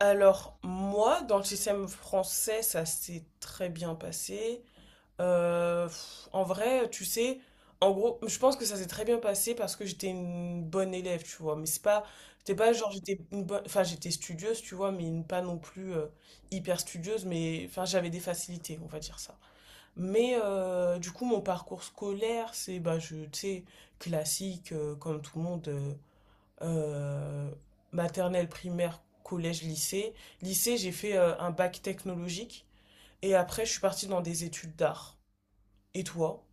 Alors, moi, dans le système français, ça s'est très bien passé. En vrai, tu sais, en gros, je pense que ça s'est très bien passé parce que j'étais une bonne élève, tu vois. Mais c'est pas, c'était pas genre j'étais une bonne, enfin j'étais studieuse, tu vois, mais pas non plus hyper studieuse, mais enfin j'avais des facilités, on va dire ça. Mais du coup, mon parcours scolaire, c'est bah je, tu sais, classique comme tout le monde. Euh, Maternelle, primaire, collège, lycée. Lycée, j'ai fait un bac technologique et après, je suis partie dans des études d'art. Et toi?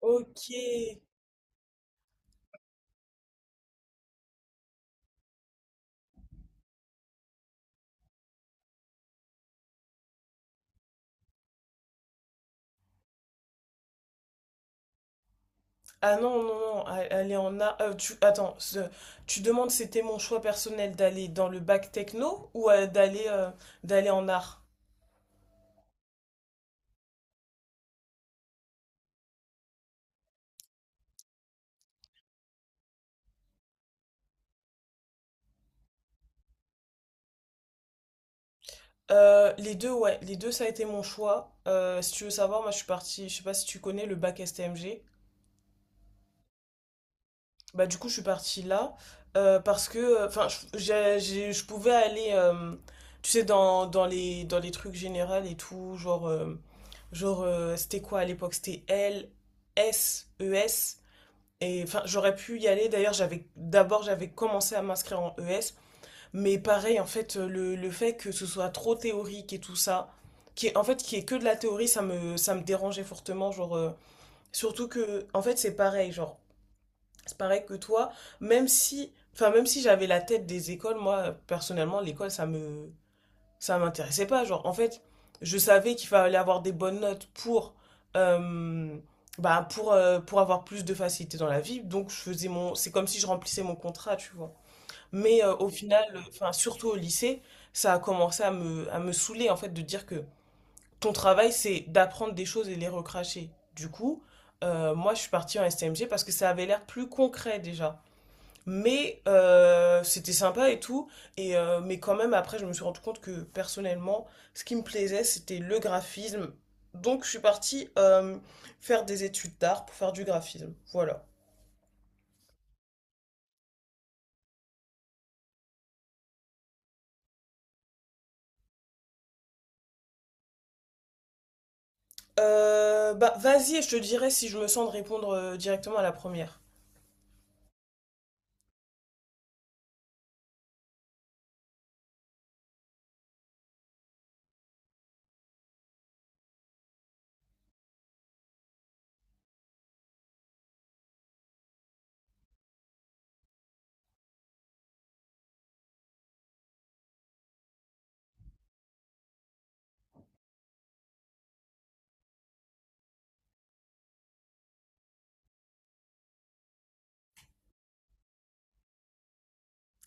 Ok. Ah non, non, non, aller en art. Tu, attends. Tu demandes c'était mon choix personnel d'aller dans le bac techno ou d'aller en art? Les deux, ouais, les deux, ça a été mon choix. Si tu veux savoir, moi je suis partie, je sais pas si tu connais le bac STMG. Bah du coup je suis partie là, parce que enfin je pouvais aller, tu sais, dans les trucs généraux et tout genre genre c'était quoi à l'époque, c'était L S E S, et enfin j'aurais pu y aller. D'ailleurs, j'avais d'abord, j'avais commencé à m'inscrire en ES, mais pareil, en fait, le fait que ce soit trop théorique et tout ça, qui est en fait qui est que de la théorie, ça me dérangeait fortement, genre, surtout que en fait c'est pareil, genre, c'est pareil que toi, même si, enfin, même si j'avais la tête des écoles, moi, personnellement, l'école, ça m'intéressait pas. Genre, en fait, je savais qu'il fallait avoir des bonnes notes euh, pour avoir plus de facilité dans la vie. Donc, je faisais c'est comme si je remplissais mon contrat, tu vois. Mais au final, enfin, surtout au lycée, ça a commencé à me saouler, en fait, de dire que ton travail, c'est d'apprendre des choses et les recracher. Du coup, moi, je suis partie en STMG parce que ça avait l'air plus concret déjà. Mais c'était sympa et tout. Mais quand même, après, je me suis rendu compte que personnellement, ce qui me plaisait, c'était le graphisme. Donc, je suis partie faire des études d'art pour faire du graphisme. Voilà. Bah, vas-y, et je te dirai si je me sens de répondre directement à la première.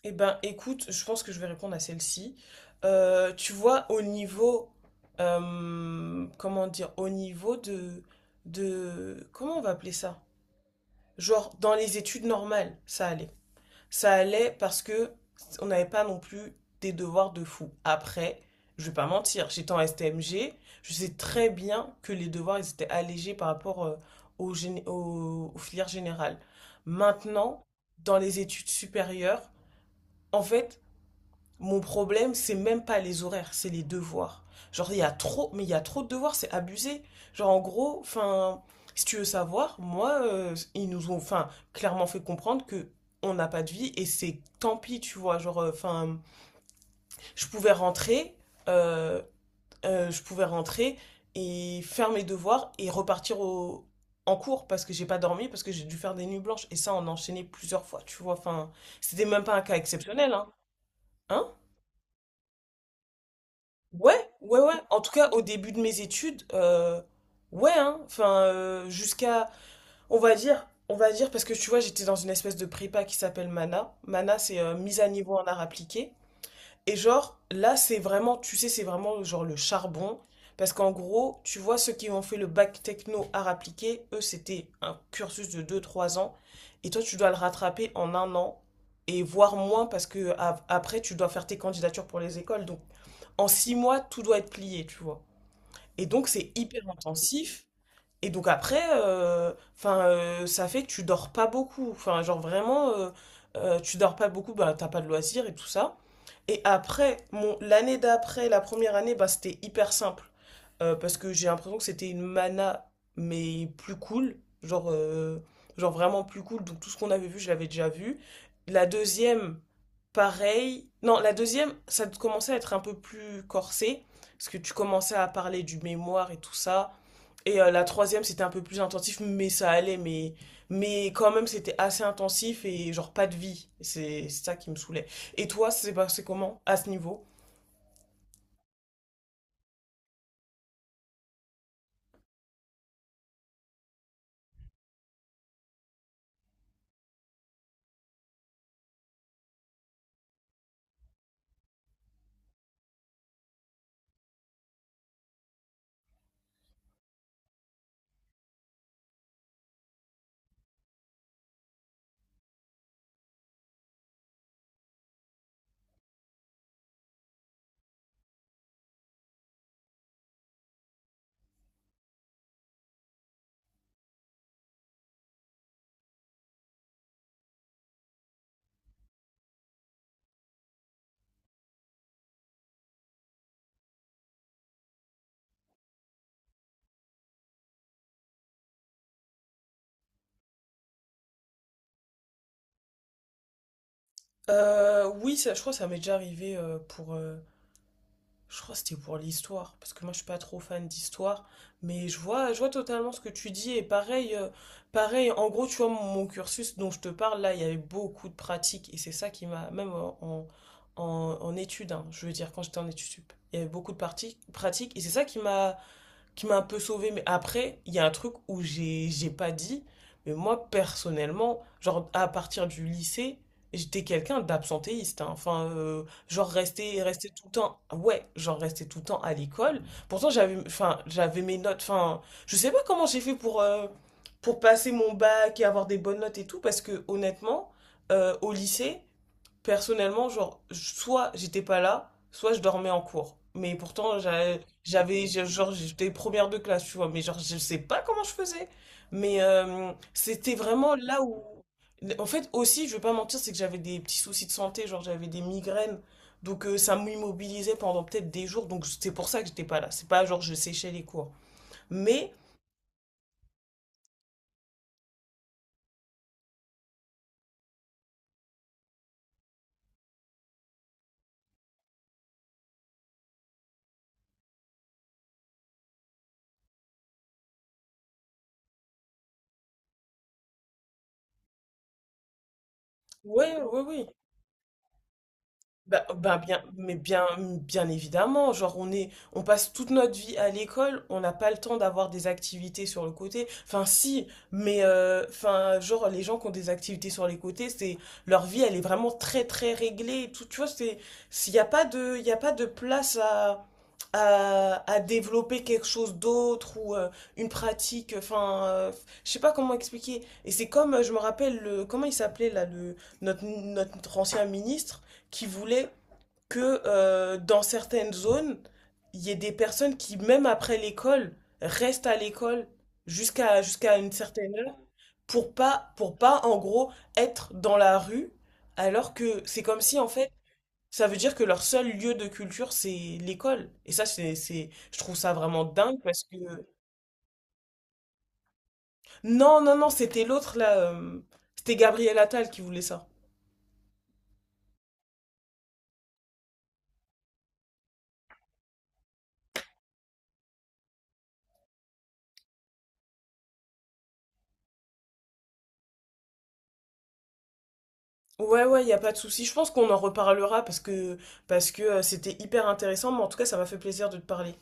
Eh ben, écoute, je pense que je vais répondre à celle-ci. Tu vois, au niveau, comment dire, au niveau de, comment on va appeler ça? Genre, dans les études normales, ça allait. Ça allait parce que on n'avait pas non plus des devoirs de fou. Après, je vais pas mentir, j'étais en STMG, je sais très bien que les devoirs, ils étaient allégés par rapport aux filières générales. Maintenant, dans les études supérieures, en fait, mon problème, c'est même pas les horaires, c'est les devoirs. Genre, il y a trop, mais il y a trop de devoirs, c'est abusé. Genre, en gros, enfin, si tu veux savoir, moi, ils nous ont, enfin, clairement fait comprendre que on n'a pas de vie et c'est tant pis, tu vois. Genre, enfin, je pouvais rentrer, euh, je pouvais rentrer et faire mes devoirs et repartir en cours parce que j'ai pas dormi, parce que j'ai dû faire des nuits blanches et ça, on enchaînait plusieurs fois, tu vois. Enfin, c'était même pas un cas exceptionnel, hein. Hein. Ouais, ouais, ouais. En tout cas, au début de mes études, ouais, hein. Enfin, jusqu'à, on va dire, parce que tu vois, j'étais dans une espèce de prépa qui s'appelle MANA. MANA, c'est mise à niveau en art appliqué. Et genre, là, c'est vraiment, tu sais, c'est vraiment genre le charbon. Parce qu'en gros, tu vois, ceux qui ont fait le bac techno art appliqué, eux, c'était un cursus de deux trois ans. Et toi, tu dois le rattraper en un an. Et voire moins, parce que après, tu dois faire tes candidatures pour les écoles. Donc, en 6 mois, tout doit être plié, tu vois. Et donc, c'est hyper intensif. Et donc après, enfin, ça fait que tu dors pas beaucoup. Enfin, genre vraiment, tu dors pas beaucoup, bah, t'as pas de loisirs et tout ça. Et après, l'année d'après, la première année, bah, c'était hyper simple. Parce que j'ai l'impression que c'était une mana, mais plus cool. Genre, euh, genre, vraiment plus cool. Donc tout ce qu'on avait vu, je l'avais déjà vu. La deuxième, pareil. Non, la deuxième, ça commençait à être un peu plus corsé. Parce que tu commençais à parler du mémoire et tout ça. Et la troisième, c'était un peu plus intensif, mais ça allait, mais quand même, c'était assez intensif et genre pas de vie. C'est ça qui me saoulait. Et toi, c'est passé comment à ce niveau? Oui, ça, je crois que ça m'est déjà arrivé je crois que c'était pour l'histoire, parce que moi je suis pas trop fan d'histoire, mais je vois totalement ce que tu dis, et pareil, en gros, tu vois, mon cursus dont je te parle, là, il y avait beaucoup de pratiques, et c'est ça qui même en, en études, hein, je veux dire, quand j'étais en études sup, il y avait beaucoup de pratiques, et c'est ça qui m'a un peu sauvée. Mais après, il y a un truc où j'ai pas dit, mais moi, personnellement, genre, à partir du lycée, j'étais quelqu'un d'absentéiste, hein. Enfin, genre, rester tout le temps, ouais, genre, rester tout le temps à l'école. Pourtant, enfin, j'avais mes notes. Enfin, je sais pas comment j'ai fait pour passer mon bac et avoir des bonnes notes et tout, parce que, honnêtement, au lycée, personnellement, genre, soit j'étais pas là, soit je dormais en cours. Mais pourtant, j'avais, genre, j'étais première de classe, tu vois, mais genre, je sais pas comment je faisais. Mais c'était vraiment là où. En fait, aussi, je vais pas mentir, c'est que j'avais des petits soucis de santé, genre, j'avais des migraines. Donc, ça m'immobilisait pendant peut-être des jours. Donc, c'est pour ça que j'étais pas là. C'est pas genre je séchais les cours. Mais, ouais, ouais, oui. Bah, bah, bien, mais bien, bien évidemment, genre on passe toute notre vie à l'école, on n'a pas le temps d'avoir des activités sur le côté. Enfin si, mais enfin genre les gens qui ont des activités sur les côtés, c'est leur vie, elle est vraiment très très réglée. Et tout, tu vois, c'est, s'il n'y a pas de, il y a pas de place à, développer quelque chose d'autre ou une pratique. Enfin, je sais pas comment expliquer. Et c'est comme, je me rappelle le, comment il s'appelait là, le, notre ancien ministre qui voulait que dans certaines zones, il y ait des personnes qui, même après l'école, restent à l'école jusqu'à une certaine heure pour pas, en gros, être dans la rue, alors que c'est comme si, en fait, ça veut dire que leur seul lieu de culture, c'est l'école. Et ça, c'est, je trouve ça vraiment dingue parce que. Non, non, non, c'était l'autre, là. C'était Gabriel Attal qui voulait ça. Ouais, ouais, il a pas de souci. Je pense qu'on en reparlera parce que c'était hyper intéressant, mais en tout cas, ça m'a fait plaisir de te parler.